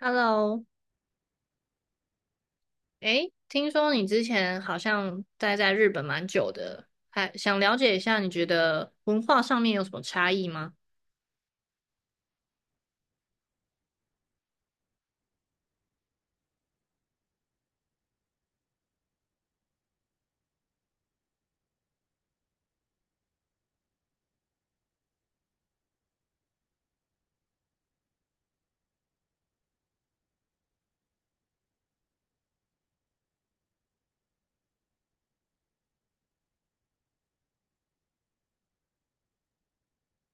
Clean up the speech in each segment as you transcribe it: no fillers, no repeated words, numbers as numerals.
Hello，诶，听说你之前好像待在日本蛮久的，还想了解一下，你觉得文化上面有什么差异吗？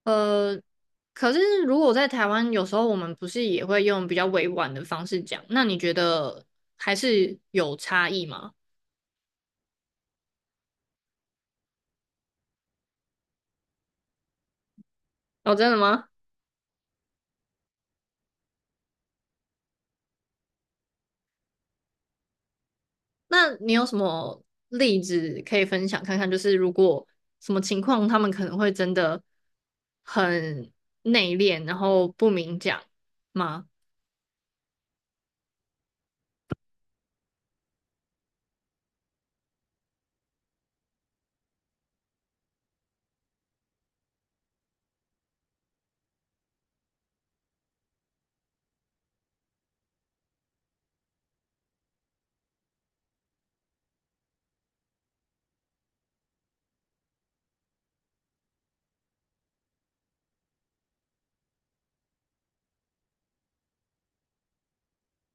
呃，可是如果在台湾，有时候我们不是也会用比较委婉的方式讲，那你觉得还是有差异吗？哦，真的吗？那你有什么例子可以分享看看？就是如果什么情况，他们可能会真的很内敛，然后不明讲吗？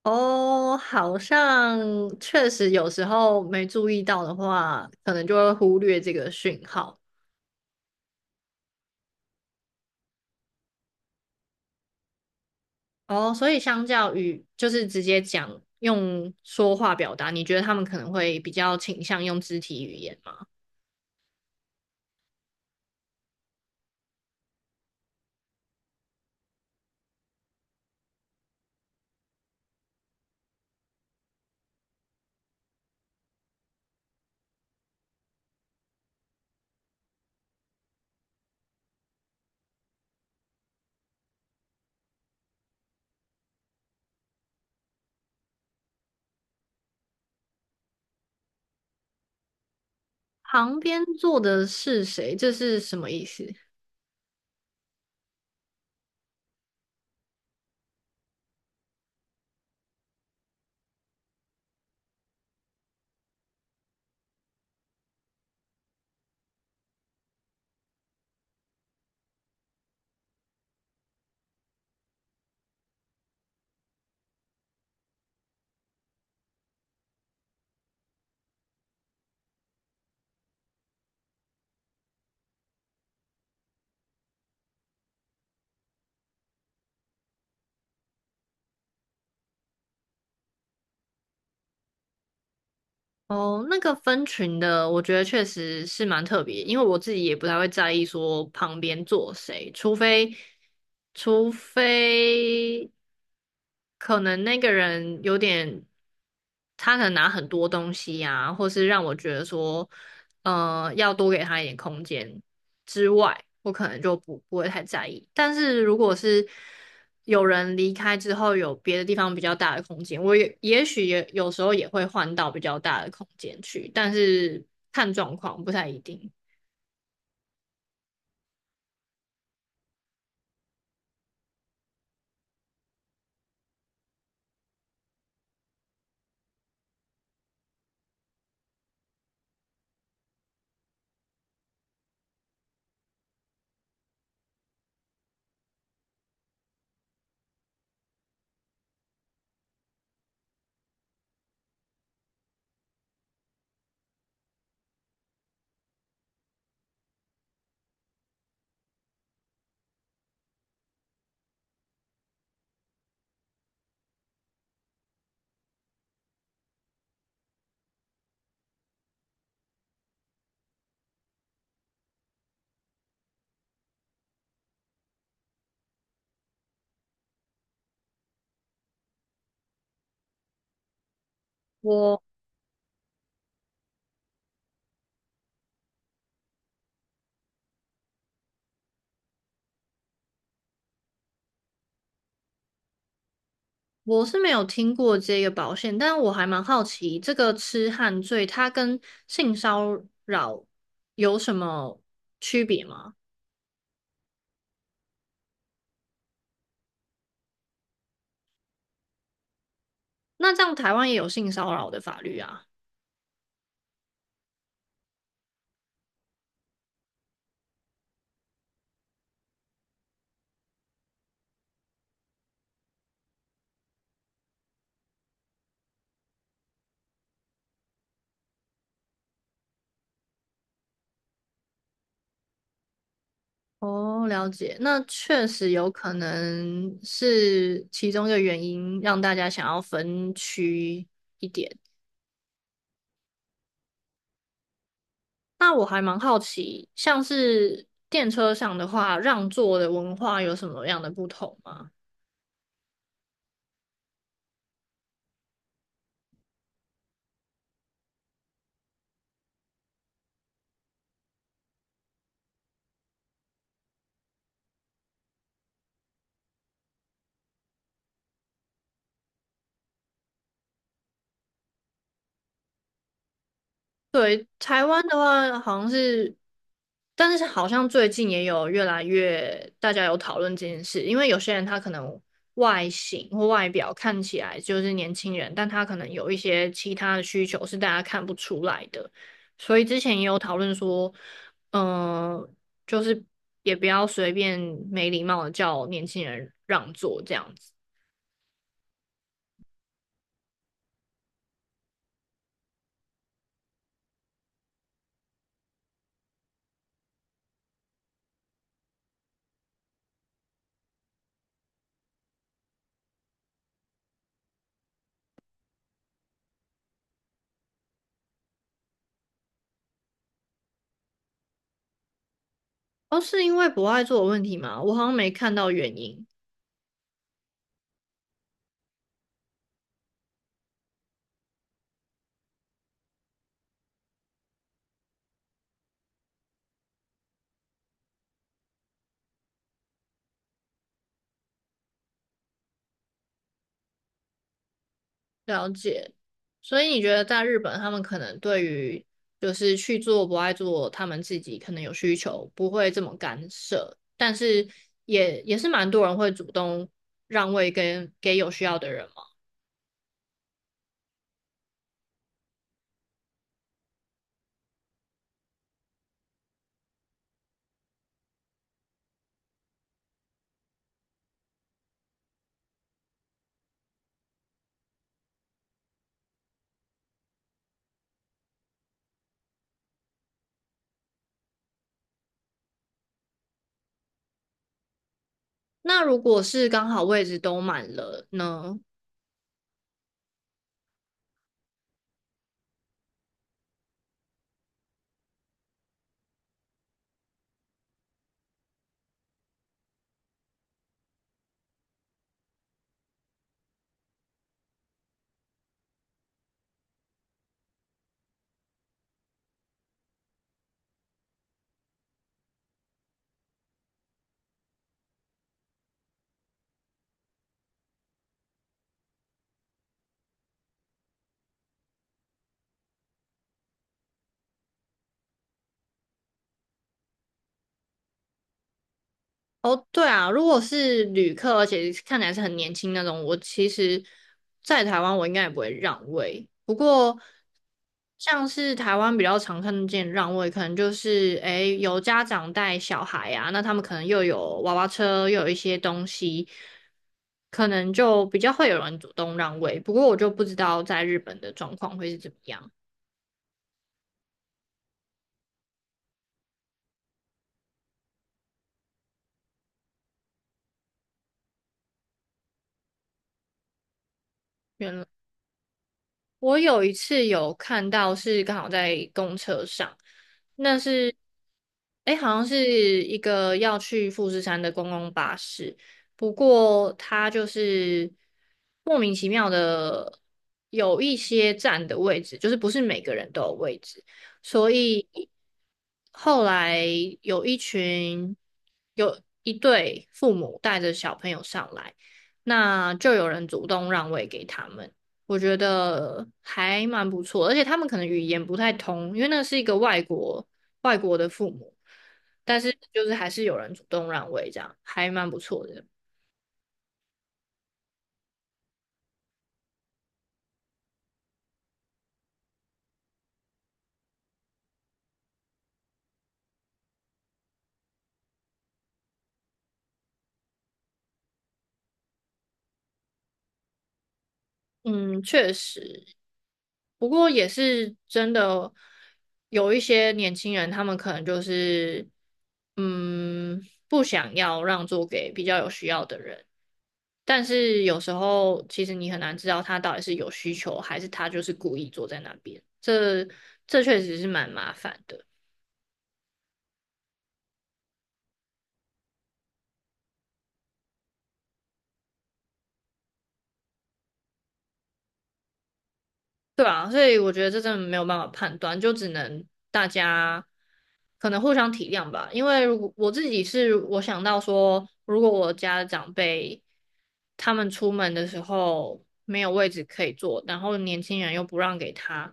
哦，好像确实有时候没注意到的话，可能就会忽略这个讯号。哦，所以相较于就是直接讲用说话表达，你觉得他们可能会比较倾向用肢体语言吗？旁边坐的是谁？这是什么意思？哦，那个分群的，我觉得确实是蛮特别，因为我自己也不太会在意说旁边坐谁，除非，除非可能那个人有点，他可能拿很多东西呀、或是让我觉得说，呃，要多给他一点空间。之外，我可能就不会太在意。但是如果是有人离开之后，有别的地方比较大的空间，我也也许也有时候也会换到比较大的空间去，但是看状况不太一定。我我是没有听过这个保险，但我还蛮好奇，这个痴汉罪它跟性骚扰有什么区别吗？那这样台湾也有性骚扰的法律啊？哦，了解，那确实有可能是其中一个原因，让大家想要分区。那我还蛮好奇，像是电车上的话，让座的文化有什么样的不同吗？对，台湾的话好像是，但是好像最近也有越来越大家有讨论这件事，因为有些人他可能外形或外表看起来就是年轻人，但他可能有一些其他的需求是大家看不出来的，所以之前也有讨论说，嗯、就是也不要随便没礼貌的叫年轻人让座这样子。哦，是因为不爱做的问题吗？我好像没看到原因。了解，所以你觉得在日本，他们可能对于就是去做不爱做，他们自己可能有需求，不会这么干涉，但是也也是蛮多人会主动让位跟给有需要的人嘛。那如果是刚好位置都满了呢？哦，对啊，如果是旅客，而且看起来是很年轻那种，我其实，在台湾我应该也不会让位。不过，像是台湾比较常看见让位，可能就是诶有家长带小孩啊，那他们可能又有娃娃车，又有一些东西，可能就比较会有人主动让位。不过我就不知道在日本的状况会是怎么样。原来我有一次有看到是刚好在公车上，那是，哎，好像是一个要去富士山的公共巴士，不过它就是莫名其妙的有一些站的位置，就是不是每个人都有位置，所以后来有一群有一对父母带着小朋友上来，那就有人主动让位给他们。我觉得还蛮不错，而且他们可能语言不太通，因为那是一个外国外国的父母，但是就是还是有人主动让位，这样还蛮不错的。嗯，确实，不过也是真的有一些年轻人，他们可能就是嗯不想要让座给比较有需要的人。但是有时候其实你很难知道他到底是有需求，还是他就是故意坐在那边。这确实是蛮麻烦的。对啊，所以我觉得这真的没有办法判断，就只能大家可能互相体谅吧。因为如果我自己是我想到说，如果我家的长辈他们出门的时候没有位置可以坐，然后年轻人又不让给他，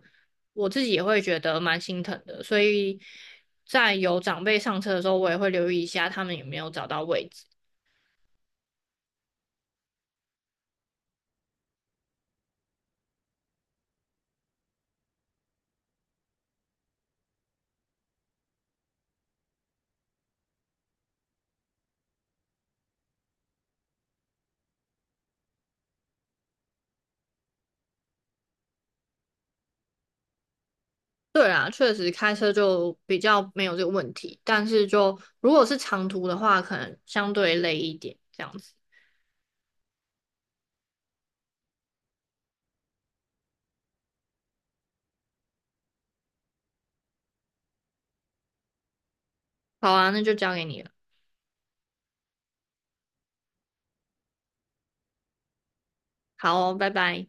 我自己也会觉得蛮心疼的。所以在有长辈上车的时候，我也会留意一下他们有没有找到位置。对啊，确实开车就比较没有这个问题，但是就如果是长途的话，可能相对累一点这样子。好啊，那就交给你了。好哦，拜拜。